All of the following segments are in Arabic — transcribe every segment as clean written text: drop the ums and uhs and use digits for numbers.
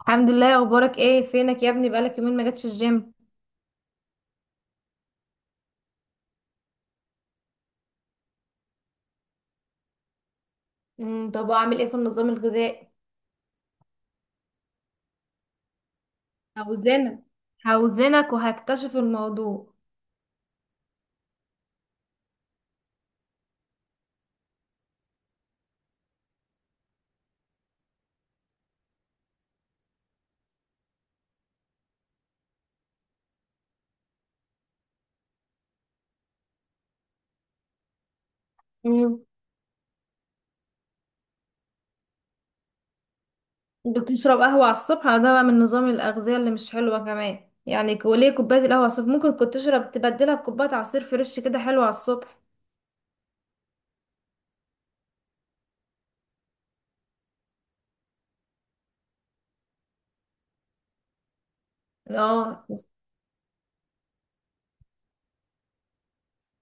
الحمد لله، اخبارك ايه؟ فينك يا ابني؟ بقالك يومين ما جاتش الجيم. طب اعمل ايه في النظام الغذائي؟ عاوزينك هوزنك وهكتشف الموضوع. امم بتشرب قهوة على الصبح؟ ده بقى من نظام الأغذية اللي مش حلوة كمان يعني، وليه كوباية القهوة على الصبح؟ ممكن كنت تشرب تبدلها بكوباية عصير فريش، كده حلو على الصبح. اه،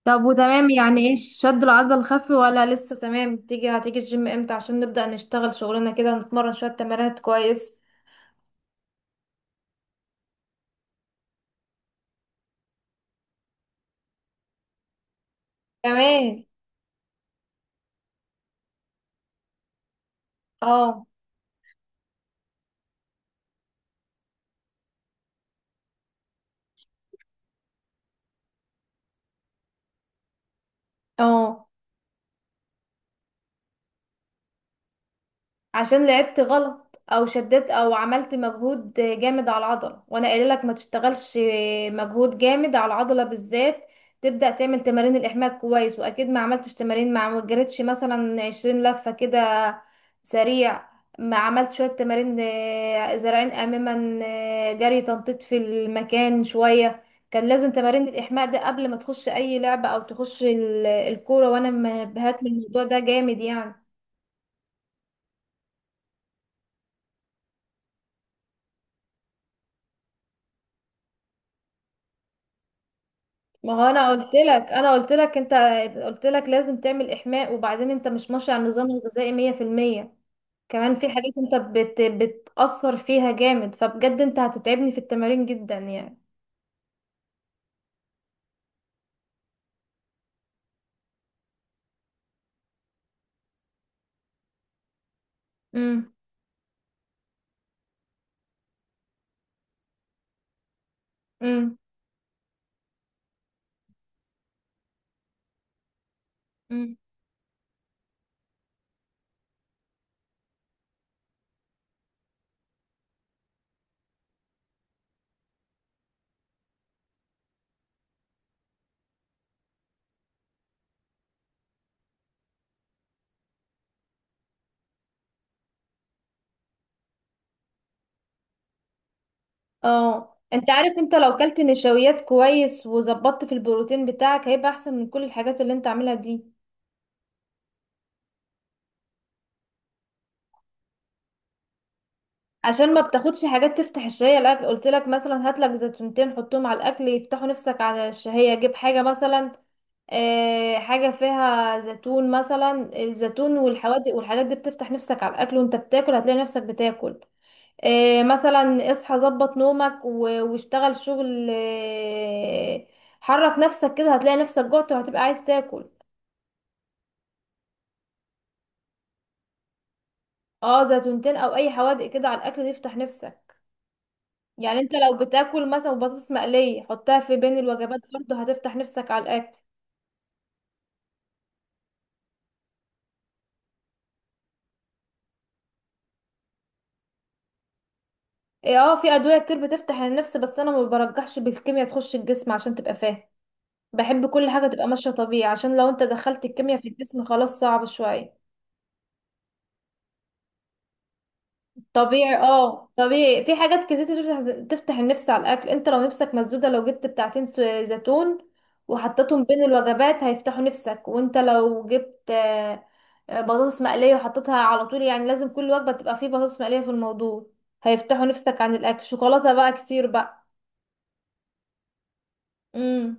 طب وتمام يعني؟ ايه، شد العضل الخفي ولا لسه تمام؟ تيجي هتيجي الجيم امتى عشان نبدأ نشتغل شغلنا كده ونتمرن شوية تمارين كويس؟ كمان. اه. اه، عشان لعبت غلط او شددت او عملت مجهود جامد على العضله، وانا قايله لك ما تشتغلش مجهود جامد على العضله بالذات. تبدا تعمل تمارين الاحماء كويس، واكيد ما عملتش تمارين، مع ما جريتش مثلا 20 لفه كده سريع، ما عملت شويه تمارين، زرعين اماما، جري تنطيط في المكان شويه. كان لازم تمارين الاحماء ده قبل ما تخش اي لعبه او تخش الكوره، وانا منبهات من الموضوع ده جامد يعني. ما هو انا قلت لك، انت قلت لك لازم تعمل احماء، وبعدين انت مش ماشي على النظام الغذائي 100%. كمان في حاجات انت بتأثر فيها جامد، فبجد انت هتتعبني في التمارين جدا يعني. امم. امم. امم. اه، انت عارف، انت لو كلت نشويات كويس وظبطت في البروتين بتاعك هيبقى احسن من كل الحاجات اللي انت عاملها دي. عشان ما بتاخدش حاجات تفتح الشهية، الاكل قلت لك مثلا هات لك زيتونتين حطهم على الاكل يفتحوا نفسك على الشهية. جيب حاجة مثلا، حاجة فيها زيتون مثلا، الزيتون والحوادق والحاجات دي بتفتح نفسك على الأكل، وانت بتاكل هتلاقي نفسك بتاكل. مثلا اصحى، ظبط نومك واشتغل شغل، حرك نفسك كده هتلاقي نفسك جعت وهتبقى عايز تاكل. اه، زيتونتين او اي حوادق كده على الاكل دي يفتح نفسك. يعني انت لو بتاكل مثلا بطاطس مقلية، حطها في بين الوجبات برضه هتفتح نفسك على الاكل. اه، في ادوية كتير بتفتح النفس، بس انا ما برجحش بالكيمياء تخش الجسم عشان تبقى فاهم. بحب كل حاجة تبقى ماشية طبيعي، عشان لو انت دخلت الكيمياء في الجسم خلاص صعب شوية. طبيعي، اه طبيعي. في حاجات كتير تفتح النفس على الأكل. انت لو نفسك مسدودة، لو جبت بتاعتين زيتون وحطيتهم بين الوجبات هيفتحوا نفسك. وانت لو جبت بطاطس مقلية وحطيتها على طول، يعني لازم كل وجبة تبقى فيه بطاطس مقلية في الموضوع، هيفتحوا نفسك عن الأكل. شوكولاتة بقى كتير بقى. امم.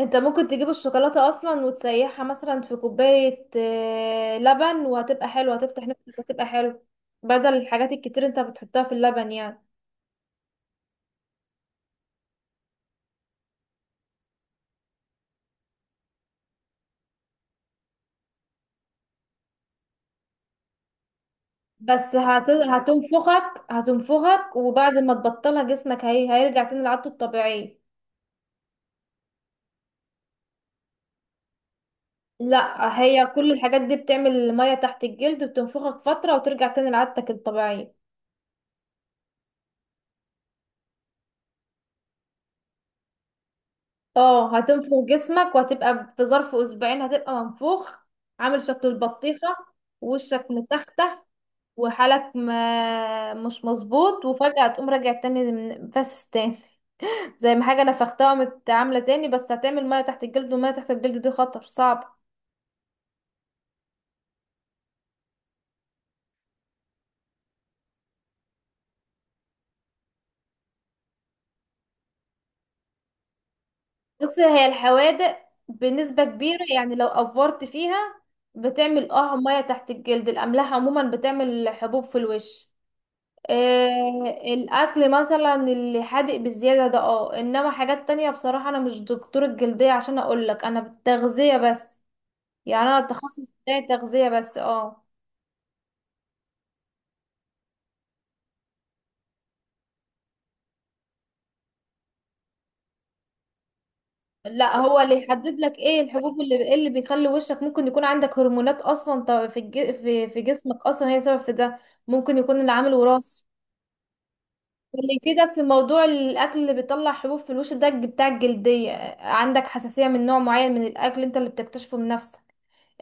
انت ممكن تجيب الشوكولاتة اصلا وتسيحها مثلا في كوباية لبن، وهتبقى حلو هتفتح نفسك، هتبقى حلو. بدل الحاجات الكتير انت بتحطها في اللبن يعني. هتنفخك، وبعد ما تبطلها جسمك هيرجع تاني لعادته الطبيعية. لا، هي كل الحاجات دي بتعمل مية تحت الجلد، بتنفخك فترة وترجع تاني لعادتك الطبيعية. اه، هتنفخ جسمك وهتبقى في ظرف اسبوعين هتبقى منفوخ، عامل شكل البطيخة، وشك متختخ، وحالك ما مش مظبوط، وفجأة تقوم راجع تاني بس تاني. زي ما حاجة نفختها قامت عاملة تاني، بس هتعمل مية تحت الجلد، والمية تحت الجلد دي خطر صعب. بص، هي الحوادق بنسبة كبيرة يعني لو أفورت فيها بتعمل اه مية تحت الجلد. الأملاح عموما بتعمل حبوب في الوش. آه، الأكل مثلا اللي حادق بالزيادة ده اه، إنما حاجات تانية بصراحة أنا مش دكتور الجلدية عشان أقولك، أنا بالتغذية بس، يعني انا التخصص بتاعي تغذية بس. اه. لا، هو اللي يحدد لك ايه الحبوب، اللي إيه اللي بيخلي وشك، ممكن يكون عندك هرمونات اصلا، في في جسمك اصلا هي سبب في ده. ممكن يكون العامل وراثي. اللي يفيدك في موضوع الاكل اللي بيطلع حبوب في الوش ده بتاع الجلدية. عندك حساسية من نوع معين من الاكل انت اللي بتكتشفه من نفسك.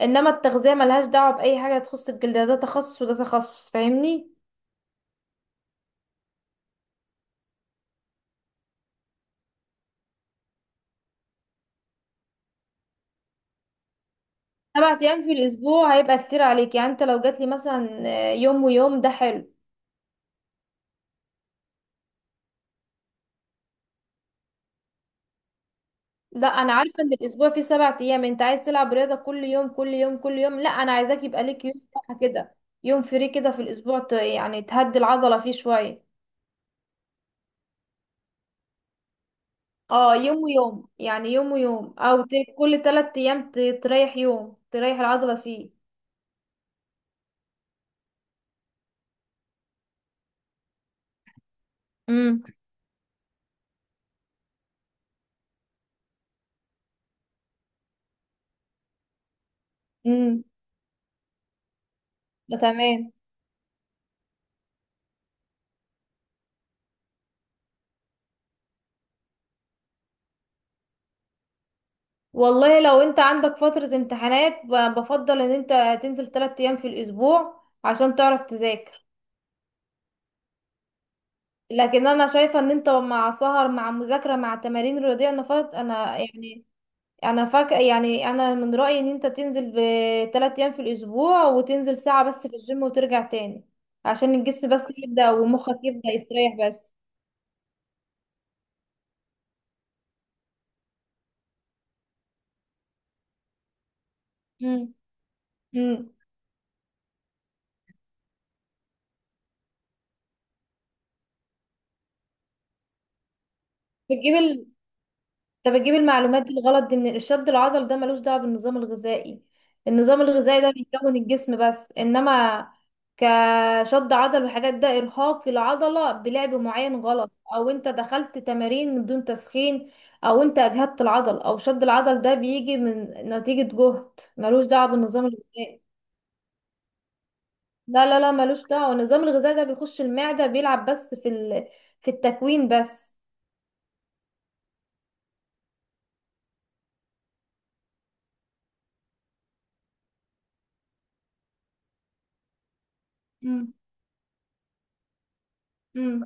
انما التغذية ملهاش دعوة باي حاجة تخص الجلد، ده تخصص وده تخصص، فاهمني؟ 7 ايام في الاسبوع هيبقى كتير عليك يعني. انت لو جاتلي مثلا يوم ويوم ده حلو. لا، انا عارفه ان الاسبوع فيه 7 ايام. انت عايز تلعب رياضه كل يوم كل يوم كل يوم؟ لا، انا عايزاك يبقى ليك يوم راحه كده، يوم فري كده في الاسبوع، يعني تهدي العضله فيه شويه. اه، يوم ويوم يعني، يوم ويوم او كل 3 ايام تريح يوم تريح العضله فيه. امم. امم. ده تمام. والله لو انت عندك فتره امتحانات بفضل ان انت تنزل 3 ايام في الاسبوع عشان تعرف تذاكر. لكن انا شايفه ان انت مع سهر مع مذاكره مع تمارين رياضيه، انا فات انا يعني، انا فاك يعني. انا من رايي ان انت تنزل ب3 ايام في الاسبوع وتنزل ساعه بس في الجيم وترجع تاني، عشان الجسم بس يبدا ومخك يبدا يستريح بس. امم. امم. بتجيب انت بتجيب المعلومات دي الغلط دي. من الشد العضل ده ملوش دعوه بالنظام الغذائي. النظام الغذائي ده بيكون الجسم بس، انما كشد عضل والحاجات ده ارهاق العضله بلعب معين غلط، او انت دخلت تمارين من دون تسخين، او انت اجهدت العضل. او شد العضل ده بيجي من نتيجه جهد، ملوش دعوه بالنظام الغذائي. لا لا لا، ملوش دعوه. النظام الغذائي ده بيخش المعده بيلعب بس في في التكوين بس. امم.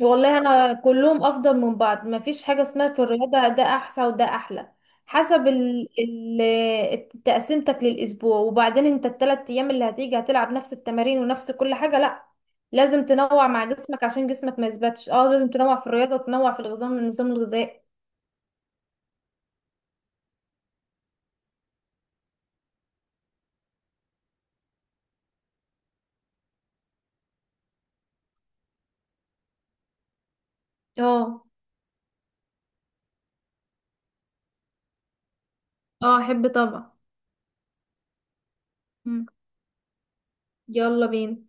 والله انا كلهم افضل من بعض، ما فيش حاجه اسمها في الرياضه ده احسن وده احلى، حسب تقسيمتك للاسبوع. وبعدين انت ال3 ايام اللي هتيجي هتلعب نفس التمارين ونفس كل حاجه؟ لا، لازم تنوع مع جسمك عشان جسمك ما يثبتش. اه، لازم تنوع في الرياضه وتنوع في النظام الغذائي. اه. اه، احب طبعا. مم، يلا بينا.